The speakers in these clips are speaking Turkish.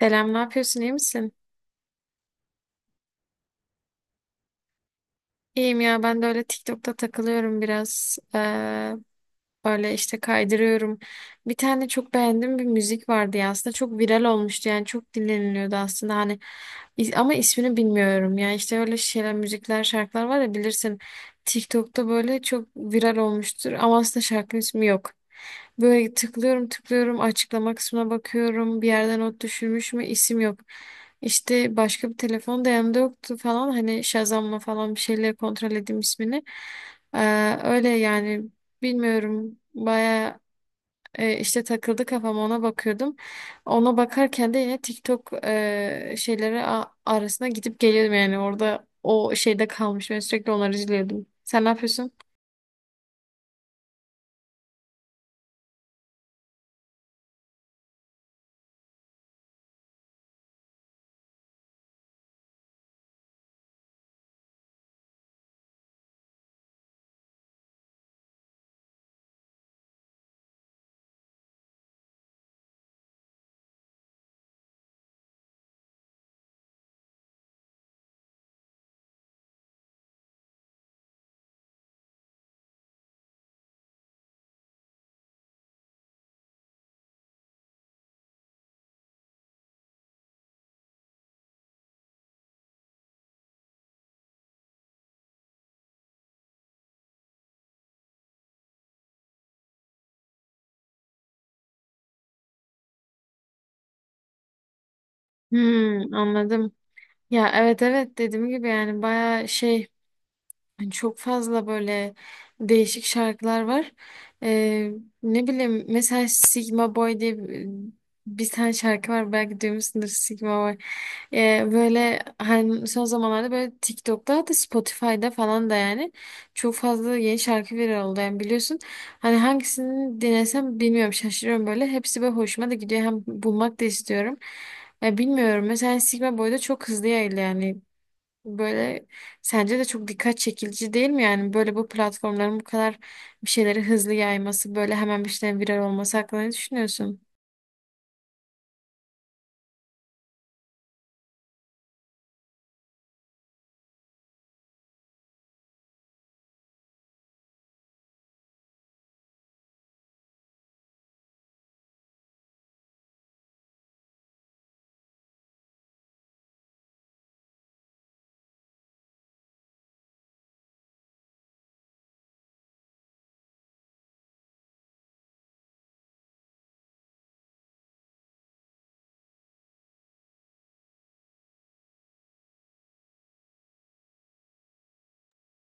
Selam, ne yapıyorsun? İyi misin? İyiyim ya, ben de öyle TikTok'ta takılıyorum biraz. Böyle işte kaydırıyorum. Bir tane çok beğendiğim bir müzik vardı ya, aslında çok viral olmuştu, yani çok dinleniliyordu aslında hani, ama ismini bilmiyorum ya, işte öyle şeyler, müzikler, şarkılar var ya, bilirsin, TikTok'ta böyle çok viral olmuştur ama aslında şarkının ismi yok. Böyle tıklıyorum tıklıyorum, açıklama kısmına bakıyorum, bir yerden not düşürmüş mü, isim yok. İşte başka bir telefon da yanımda yoktu falan, hani Shazam'la falan bir şeyle kontrol edeyim ismini. Öyle yani. Bilmiyorum. Baya işte takıldı kafam, ona bakıyordum. Ona bakarken de yine TikTok şeyleri arasına gidip geliyordum, yani orada o şeyde kalmış. Ben sürekli onları izliyordum. Sen ne yapıyorsun? Hmm, anladım. Ya evet evet, dediğim gibi yani baya şey. Yani çok fazla böyle değişik şarkılar var. Ee, ne bileyim, mesela Sigma Boy diye bir tane şarkı var, belki duymuşsundur, Sigma Boy. Böyle hani son zamanlarda böyle TikTok'ta, hatta Spotify'da falan da yani çok fazla yeni şarkı viral oldu, yani biliyorsun. Hani hangisini dinlesem bilmiyorum, şaşırıyorum böyle. Hepsi böyle hoşuma da gidiyor, hem bulmak da istiyorum. Ya bilmiyorum, mesela Sigma Boy'da çok hızlı yayıldı yani. Böyle, sence de çok dikkat çekici değil mi? Yani böyle bu platformların bu kadar bir şeyleri hızlı yayması, böyle hemen bir şeylerin viral olması hakkında ne düşünüyorsun?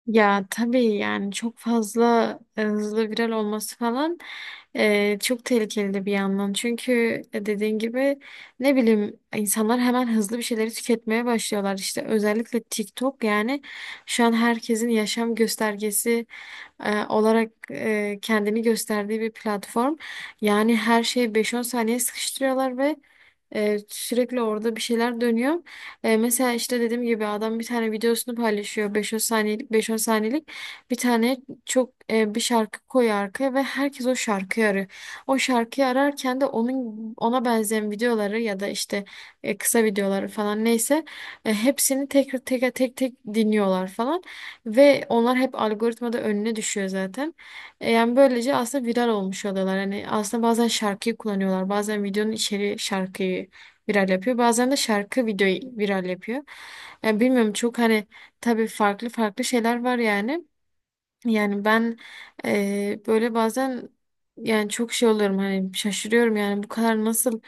Ya tabii, yani çok fazla hızlı viral olması falan çok tehlikeli de bir yandan. Çünkü dediğin gibi, ne bileyim, insanlar hemen hızlı bir şeyleri tüketmeye başlıyorlar. İşte özellikle TikTok, yani şu an herkesin yaşam göstergesi olarak kendini gösterdiği bir platform. Yani her şeyi 5-10 saniye sıkıştırıyorlar ve sürekli orada bir şeyler dönüyor. Mesela işte dediğim gibi, adam bir tane videosunu paylaşıyor, 5-10 saniyelik bir tane çok bir şarkı koyuyor arkaya ve herkes o şarkıyı arıyor. O şarkıyı ararken de onun, ona benzeyen videoları, ya da işte kısa videoları falan, neyse, hepsini tekrar tek tek tek dinliyorlar falan ve onlar hep algoritmada önüne düşüyor zaten. Yani böylece aslında viral olmuş oluyorlar. Hani aslında bazen şarkıyı kullanıyorlar, bazen videonun içeriği şarkıyı viral yapıyor. Bazen de şarkı videoyu viral yapıyor. Yani bilmiyorum, çok hani, tabii farklı farklı şeyler var yani. Yani ben böyle bazen yani çok şey oluyorum, hani şaşırıyorum, yani bu kadar nasıl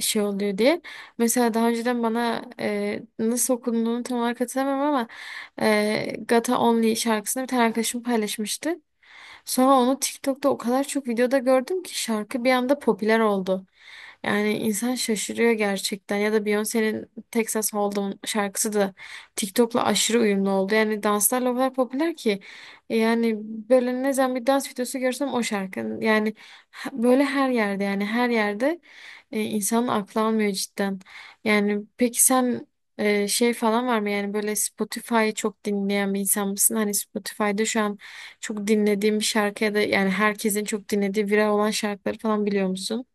şey oluyor diye. Mesela daha önceden bana nasıl okunduğunu tam olarak hatırlamam ama Gata Only şarkısını bir tane arkadaşım paylaşmıştı. Sonra onu TikTok'ta o kadar çok videoda gördüm ki şarkı bir anda popüler oldu. Yani insan şaşırıyor gerçekten. Ya da Beyoncé'nin Texas Hold'em şarkısı da TikTok'la aşırı uyumlu oldu. Yani danslarla o kadar popüler ki. Yani böyle ne zaman bir dans videosu görsem o şarkının. Yani böyle her yerde, yani her yerde, insanın aklı almıyor cidden. Yani peki sen şey falan var mı? Yani böyle Spotify'ı çok dinleyen bir insan mısın? Hani Spotify'da şu an çok dinlediğim bir şarkıya da, yani herkesin çok dinlediği viral olan şarkıları falan biliyor musun?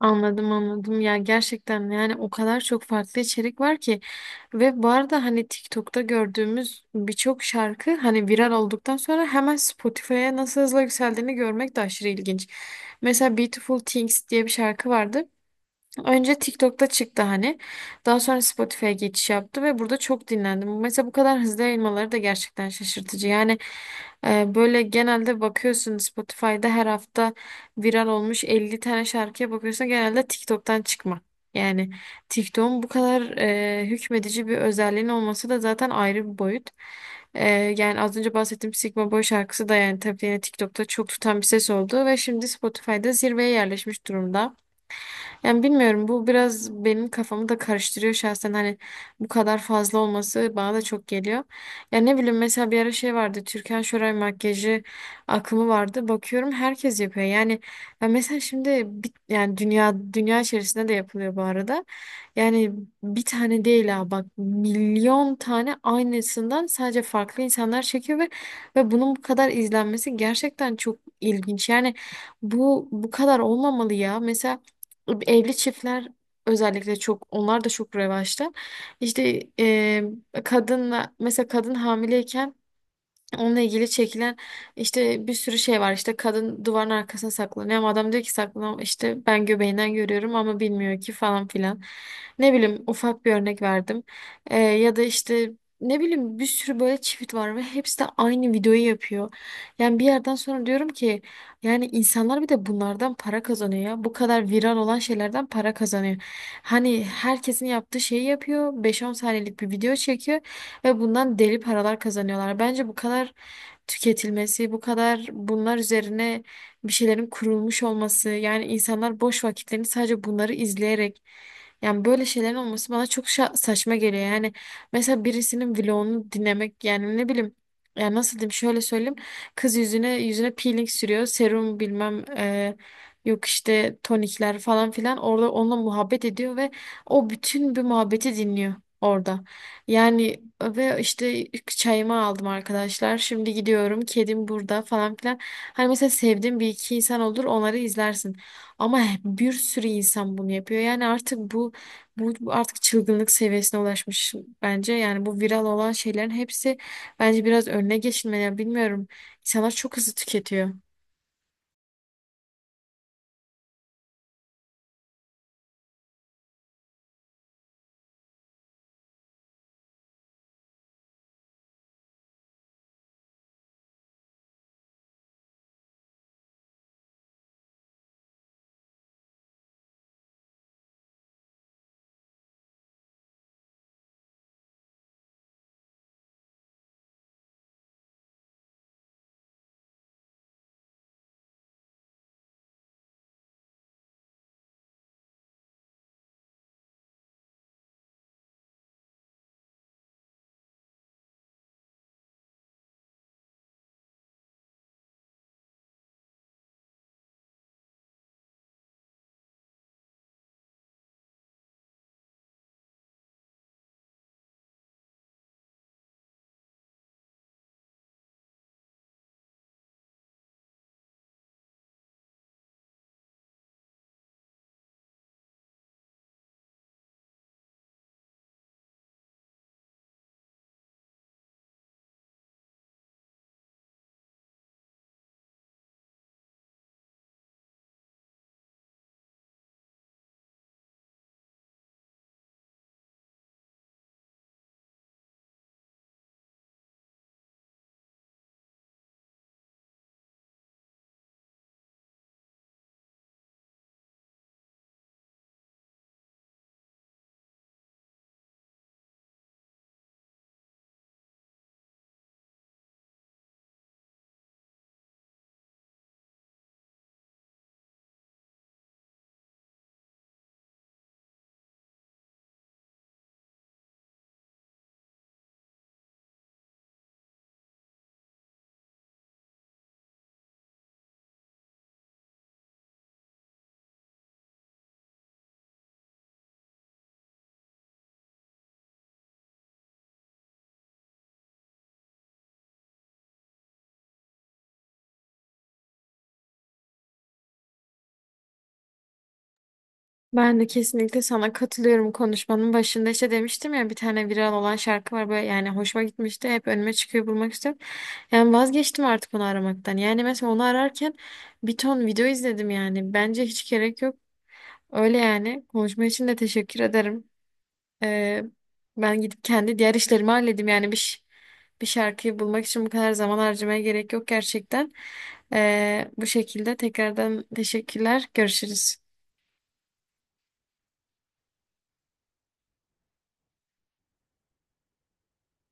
Anladım anladım, ya gerçekten yani o kadar çok farklı içerik var ki. Ve bu arada hani TikTok'ta gördüğümüz birçok şarkı hani viral olduktan sonra hemen Spotify'a nasıl hızla yükseldiğini görmek de aşırı ilginç. Mesela Beautiful Things diye bir şarkı vardı. Önce TikTok'ta çıktı hani. Daha sonra Spotify'a geçiş yaptı ve burada çok dinlendim. Mesela bu kadar hızlı yayılmaları da gerçekten şaşırtıcı. Yani böyle genelde bakıyorsun, Spotify'da her hafta viral olmuş 50 tane şarkıya bakıyorsun, genelde TikTok'tan çıkma. Yani TikTok'un bu kadar hükmedici bir özelliğin olması da zaten ayrı bir boyut. E, yani az önce bahsettiğim Sigma Boy şarkısı da yani tabii yine TikTok'ta çok tutan bir ses oldu ve şimdi Spotify'da zirveye yerleşmiş durumda. Yani bilmiyorum, bu biraz benim kafamı da karıştırıyor şahsen, hani bu kadar fazla olması bana da çok geliyor. Ya ne bileyim, mesela bir ara şey vardı, Türkan Şoray makyajı akımı vardı. Bakıyorum, herkes yapıyor. Yani ya mesela şimdi yani dünya içerisinde de yapılıyor bu arada. Yani bir tane değil ha bak, milyon tane aynısından sadece farklı insanlar çekiyor ve bunun bu kadar izlenmesi gerçekten çok ilginç. Yani bu kadar olmamalı ya. Mesela evli çiftler özellikle çok, onlar da çok revaçta. İşte kadınla, mesela kadın hamileyken onunla ilgili çekilen işte bir sürü şey var. İşte kadın duvarın arkasına saklanıyor ama adam diyor ki, saklan işte, ben göbeğinden görüyorum ama bilmiyor ki falan filan. Ne bileyim, ufak bir örnek verdim. Ya da işte ne bileyim, bir sürü böyle çift var ve hepsi de aynı videoyu yapıyor. Yani bir yerden sonra diyorum ki, yani insanlar bir de bunlardan para kazanıyor ya. Bu kadar viral olan şeylerden para kazanıyor. Hani herkesin yaptığı şeyi yapıyor, 5-10 saniyelik bir video çekiyor ve bundan deli paralar kazanıyorlar. Bence bu kadar tüketilmesi, bu kadar bunlar üzerine bir şeylerin kurulmuş olması, yani insanlar boş vakitlerini sadece bunları izleyerek, yani böyle şeylerin olması bana çok saçma geliyor. Yani mesela birisinin vlogunu dinlemek, yani ne bileyim, yani nasıl diyeyim, şöyle söyleyeyim. Kız yüzüne peeling sürüyor. Serum bilmem yok işte, tonikler falan filan. Orada onunla muhabbet ediyor ve o bütün bir muhabbeti dinliyor orada. Yani ve işte çayımı aldım arkadaşlar. Şimdi gidiyorum. Kedim burada falan filan. Hani mesela sevdiğin bir iki insan olur, onları izlersin. Ama bir sürü insan bunu yapıyor. Yani artık bu artık çılgınlık seviyesine ulaşmış bence. Yani bu viral olan şeylerin hepsi bence biraz önüne geçilmeli. Yani bilmiyorum. İnsanlar çok hızlı tüketiyor. Ben de kesinlikle sana katılıyorum, konuşmanın başında işte demiştim ya, bir tane viral olan şarkı var böyle, yani hoşuma gitmişti, hep önüme çıkıyor, bulmak istiyorum. Yani vazgeçtim artık onu aramaktan. Yani mesela onu ararken bir ton video izledim, yani bence hiç gerek yok öyle. Yani konuşma için de teşekkür ederim. Ee, ben gidip kendi diğer işlerimi halledim yani. Bir şarkıyı bulmak için bu kadar zaman harcamaya gerek yok gerçekten. Bu şekilde tekrardan teşekkürler, görüşürüz.